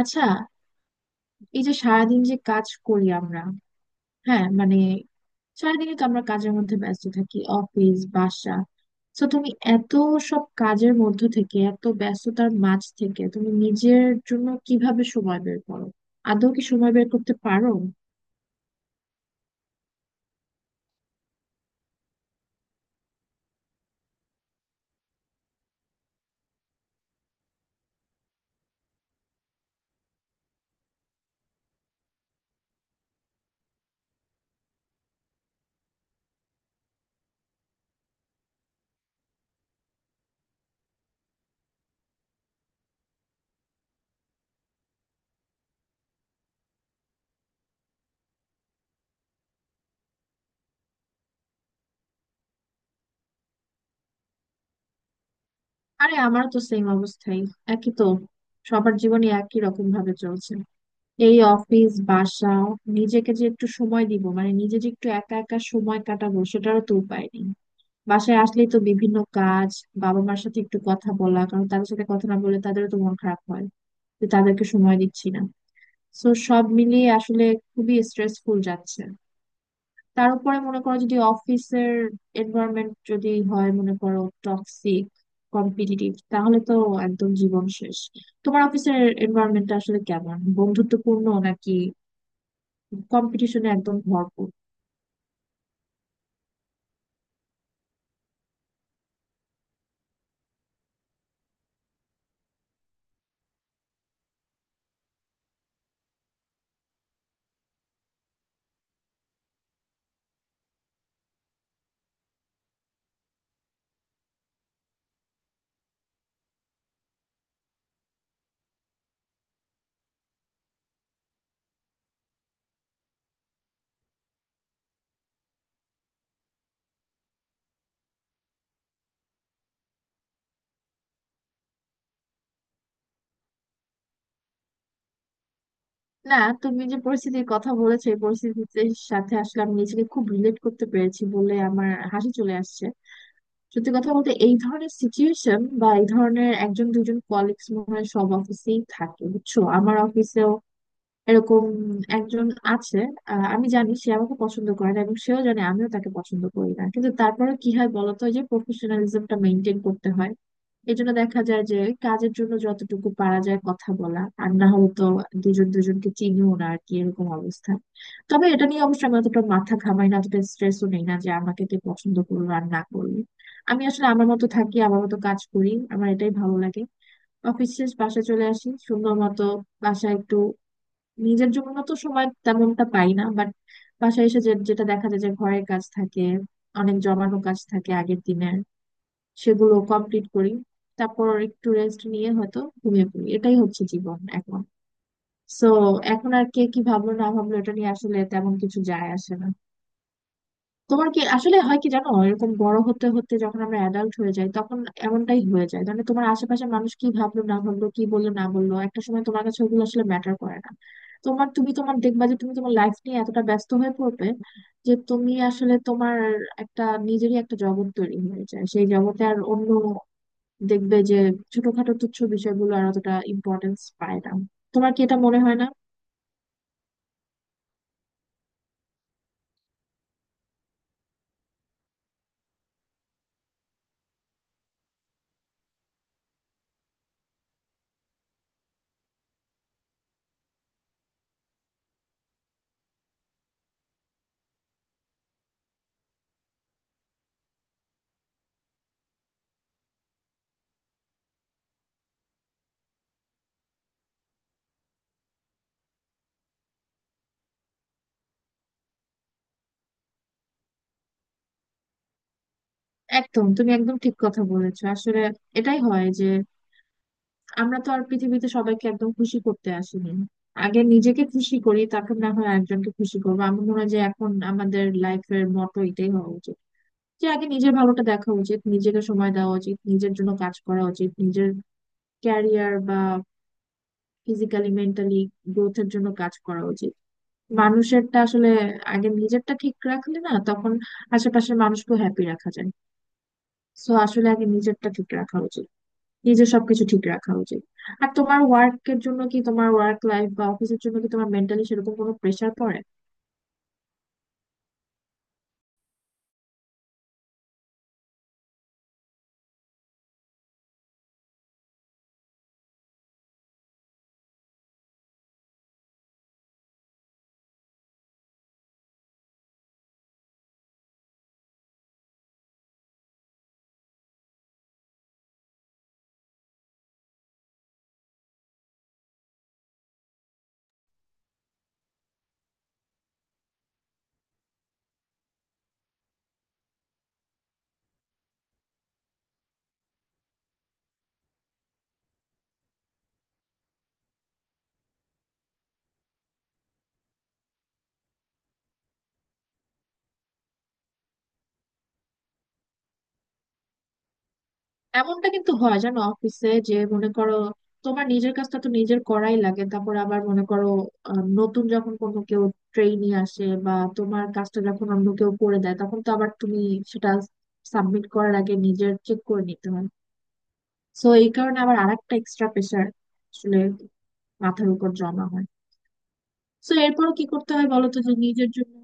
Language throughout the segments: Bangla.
আচ্ছা। এই যে সারাদিন যে কাজ করি আমরা, হ্যাঁ মানে সারাদিনই তো আমরা কাজের মধ্যে ব্যস্ত থাকি, অফিস বাসা। তো তুমি এত সব কাজের মধ্য থেকে, এত ব্যস্ততার মাঝ থেকে তুমি নিজের জন্য কিভাবে সময় বের করো? আদৌ কি সময় বের করতে পারো? আরে আমারও তো সেম অবস্থাই, একই তো, সবার জীবনে একই রকম ভাবে চলছে, এই অফিস বাসা। নিজেকে যে একটু সময় দিব, মানে নিজে যে একটু একা একা সময় কাটাবো সেটারও তো উপায় নেই। বাসায় আসলেই তো বিভিন্ন কাজ, বাবা মার সাথে একটু কথা বলা, কারণ তাদের সাথে কথা না বললে তাদেরও তো মন খারাপ হয় যে তাদেরকে সময় দিচ্ছি না। তো সব মিলিয়ে আসলে খুবই স্ট্রেসফুল যাচ্ছে। তার উপরে মনে করো যদি অফিসের এনভায়রনমেন্ট যদি হয় মনে করো টক্সিক, কম্পিটিটিভ, তাহলে তো একদম জীবন শেষ। তোমার অফিসের এনভায়রনমেন্টটা আসলে কেমন, বন্ধুত্বপূর্ণ নাকি কম্পিটিশনে একদম ভরপুর? না, তুমি যে পরিস্থিতির কথা বলেছো এই পরিস্থিতির সাথে আসলে আমি নিজেকে খুব রিলেট করতে পেরেছি বলে আমার হাসি চলে আসছে। সত্যি কথা বলতে এই ধরনের সিচুয়েশন বা এই ধরনের একজন দুজন কলিগস মনে হয় সব অফিসেই থাকে, বুঝছো, আমার অফিসেও এরকম একজন আছে। আমি জানি সে আমাকে পছন্দ করে না এবং সেও জানে আমিও তাকে পছন্দ করি না, কিন্তু তারপরে কি হয় বলতো, ওই যে প্রফেশনালিজমটা মেনটেন করতে হয়। এই জন্য দেখা যায় যে কাজের জন্য যতটুকু পারা যায় কথা বলা, আর না হলে তো দুজন দুজনকে চিনিও না আর কি, এরকম অবস্থা। তবে এটা নিয়ে অবশ্য আমি অতটা মাথা ঘামাই না, অতটা স্ট্রেসও নেই না যে আমাকে কে পছন্দ করলো আর না করলো। আমি আসলে আমার মতো থাকি, আমার মতো কাজ করি, আমার এটাই ভালো লাগে। অফিস শেষ বাসায় চলে আসি সুন্দর মতো। বাসায় একটু নিজের জন্য তো সময় তেমনটা পাই না, বাট বাসায় এসে যে যেটা দেখা যায় যে ঘরের কাজ থাকে, অনেক জমানো কাজ থাকে আগের দিনের, সেগুলো কমপ্লিট করি। তারপর একটু রেস্ট নিয়ে হয়তো ঘুমিয়ে পড়ি, এটাই হচ্ছে জীবন এখন। সো এখন আর কে কি ভাবলো না ভাবলো এটা নিয়ে আসলে তেমন কিছু যায় আসে না। তোমার কি আসলে হয় কি জানো, এরকম বড় হতে হতে যখন আমরা অ্যাডাল্ট হয়ে যাই তখন এমনটাই হয়ে যায়, মানে তোমার আশেপাশে মানুষ কি ভাবলো না ভাবলো, কি বললো না বললো, একটা সময় তোমার কাছে ওগুলো আসলে ম্যাটার করে না। তোমার তুমি তোমার দেখবা যে তুমি তোমার লাইফ নিয়ে এতটা ব্যস্ত হয়ে পড়বে যে তুমি আসলে তোমার একটা নিজেরই একটা জগৎ তৈরি হয়ে যায়, সেই জগতে আর অন্য দেখবে যে ছোটখাটো তুচ্ছ বিষয়গুলো আর অতটা ইম্পর্টেন্স পায় না। তোমার কি এটা মনে হয় না? একদম, তুমি একদম ঠিক কথা বলেছো আসলে, এটাই হয় যে আমরা তো আর পৃথিবীতে সবাইকে একদম খুশি করতে আসিনি। আগে নিজেকে খুশি করি, তারপর না হয় একজনকে খুশি করবো। আমার মনে হয় যে এখন আমাদের লাইফের মটো এটাই হওয়া উচিত, যে আগে নিজের ভালোটা দেখা উচিত, নিজেকে সময় দেওয়া উচিত, নিজের জন্য কাজ করা উচিত, নিজের ক্যারিয়ার বা ফিজিক্যালি মেন্টালি গ্রোথের জন্য কাজ করা উচিত। মানুষেরটা আসলে আগে নিজেরটা ঠিক রাখলে না তখন আশেপাশের মানুষকেও হ্যাপি রাখা যায়। সো আসলে আগে নিজেরটা ঠিক রাখা উচিত, নিজের সবকিছু ঠিক রাখা উচিত। আর তোমার ওয়ার্কের জন্য কি, তোমার ওয়ার্ক লাইফ বা অফিসের জন্য কি তোমার মেন্টালি সেরকম কোনো প্রেসার পড়ে? এমনটা কিন্তু হয় জানো অফিসে, যে মনে করো তোমার নিজের কাজটা তো নিজের করাই লাগে, তারপর আবার মনে করো নতুন যখন কোনো কেউ ট্রেইনি আসে বা তোমার কাজটা যখন অন্য কেউ করে দেয়, তখন তো আবার তুমি সেটা সাবমিট করার আগে নিজের চেক করে নিতে হয়। সো এই কারণে আবার আরেকটা এক্সট্রা প্রেসার আসলে মাথার উপর জমা হয়। সো এরপরও কি করতে হয় বলো তো যে নিজের জন্য।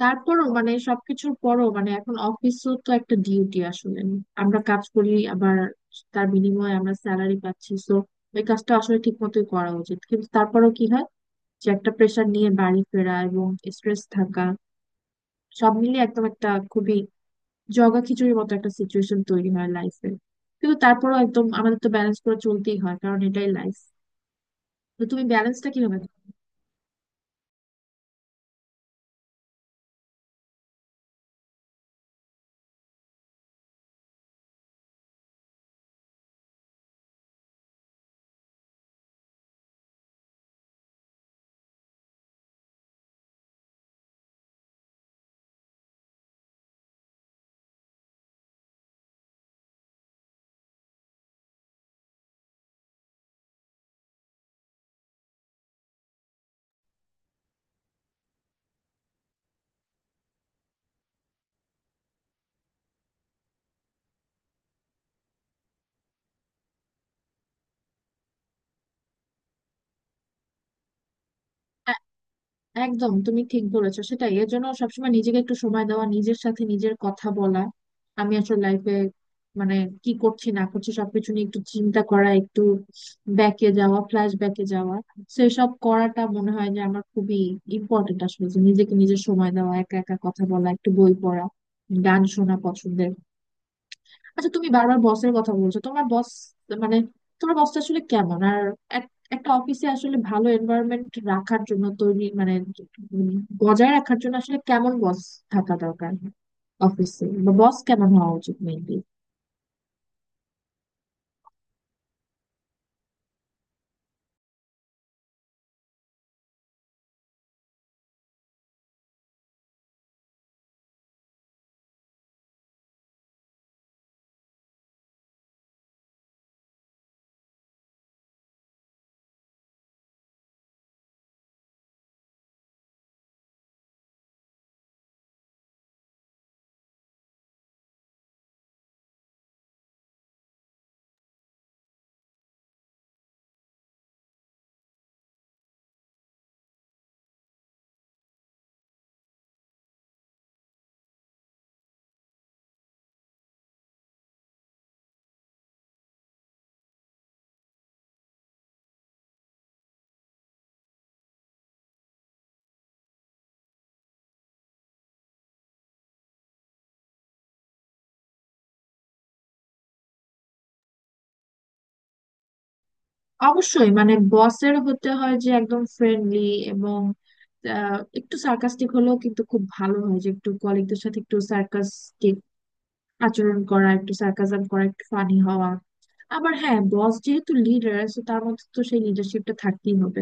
তারপরও মানে সবকিছুর পরও মানে এখন অফিসও তো একটা ডিউটি আসলে, আমরা কাজ করি আবার তার বিনিময়ে আমরা স্যালারি পাচ্ছি, তো ওই কাজটা আসলে ঠিক মতোই করা উচিত। কিন্তু তারপরেও কি হয়, যে একটা প্রেশার নিয়ে বাড়ি ফেরা এবং স্ট্রেস থাকা, সব মিলিয়ে একদম একটা খুবই জগা খিচুড়ির মতো একটা সিচুয়েশন তৈরি হয় লাইফে। কিন্তু তারপরেও একদম আমাদের তো ব্যালেন্স করে চলতেই হয়, কারণ এটাই লাইফ। তো তুমি ব্যালেন্সটা কিভাবে? একদম, তুমি ঠিক বলেছো, সেটাই, এর জন্য সবসময় নিজেকে একটু সময় দেওয়া, নিজের সাথে নিজের কথা বলা। আমি আসলে লাইফে, মানে কি করছি না করছি সবকিছু নিয়ে একটু চিন্তা করা, একটু ব্যাকে যাওয়া, ফ্ল্যাশ ব্যাকে যাওয়া, সেসব করাটা মনে হয় যে আমার খুবই ইম্পর্টেন্ট আসলে, যে নিজেকে নিজের সময় দেওয়া, একা একা কথা বলা, একটু বই পড়া, গান শোনা পছন্দের। আচ্ছা তুমি বারবার বসের কথা বলছো, তোমার বস মানে তোমার বসটা আসলে কেমন? আর একটা অফিসে আসলে ভালো এনভায়রনমেন্ট রাখার জন্য তৈরি মানে উম, বজায় রাখার জন্য আসলে কেমন বস থাকা দরকার, অফিসে বা বস কেমন হওয়া উচিত মেনলি? অবশ্যই, মানে বসের হতে হয় যে একদম ফ্রেন্ডলি, এবং একটু সার্কাস্টিক হলেও কিন্তু খুব ভালো হয়, যে একটু কলিগদের সাথে একটু সার্কাস্টিক আচরণ করা, একটু সার্কাসাম করা, একটু ফানি হওয়া। আবার হ্যাঁ, বস যেহেতু লিডার সো তার মধ্যে তো সেই লিডারশিপটা থাকতেই হবে।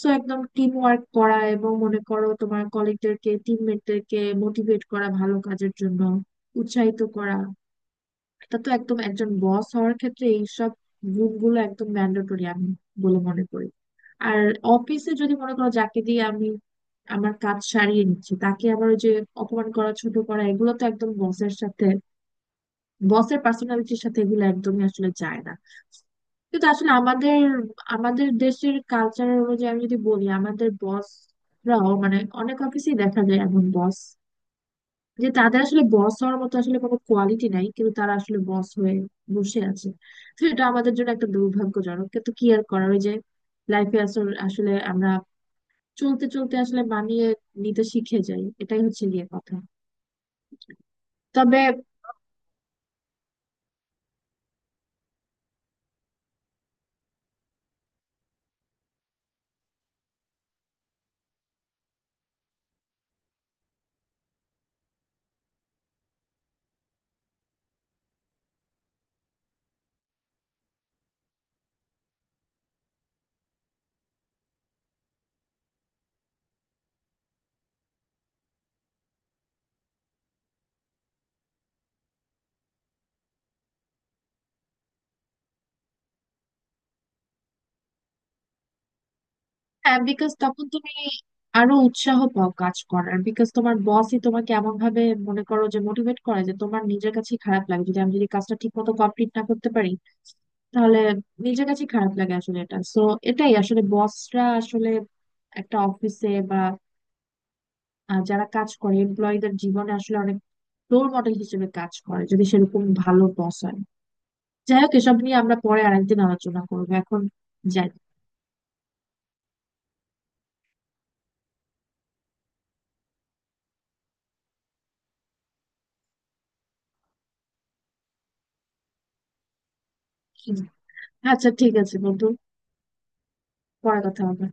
সো একদম টিম ওয়ার্ক করা এবং মনে করো তোমার কলিগদেরকে, টিমমেটদেরকে মোটিভেট করা, ভালো কাজের জন্য উৎসাহিত করা, এটা তো একদম একজন বস হওয়ার ক্ষেত্রে এইসব গুণগুলো একদম ম্যান্ডেটরি আমি বলে মনে করি। আর অফিসে যদি মনে করো যাকে দিয়ে আমি আমার কাজ সারিয়ে নিচ্ছি তাকে আবার ওই যে অপমান করা, ছোট করা, এগুলো তো একদম বসের সাথে বসের পার্সোনালিটির সাথে এগুলো একদমই আসলে যায় না। কিন্তু আসলে আমাদের আমাদের দেশের কালচার অনুযায়ী আমি যদি বলি, আমাদের বসরাও মানে অনেক অফিসেই দেখা যায় এমন বস যে তাদের আসলে বস হওয়ার মতো আসলে কোনো কোয়ালিটি নাই, কিন্তু তারা আসলে বস হয়ে বসে আছে। তো এটা আমাদের জন্য একটা দুর্ভাগ্যজনক, কিন্তু কি আর করার, ওই যে লাইফে আসলে আসলে আমরা চলতে চলতে আসলে মানিয়ে নিতে শিখে যাই, এটাই হচ্ছে গিয়ে কথা। তবে হ্যাঁ, বিকজ তখন তুমি আরো উৎসাহ পাও কাজ করার, বিকজ তোমার বসই তোমাকে এমন ভাবে মনে করো যে মোটিভেট করে যে তোমার নিজের কাছেই খারাপ লাগে, যদি কাজটা ঠিক মতো কমপ্লিট না করতে পারি তাহলে নিজের কাছেই খারাপ লাগে আসলে এটা। সো এটাই আসলে বসরা আসলে একটা অফিসে বা যারা কাজ করে এমপ্লয়ীদের জীবনে আসলে অনেক রোল মডেল হিসেবে কাজ করে, যদি সেরকম ভালো বস হয়। যাই হোক, এসব নিয়ে আমরা পরে আরেকদিন আলোচনা করবো, এখন যাই। আচ্ছা ঠিক আছে বন্ধু, পরে কথা হবে।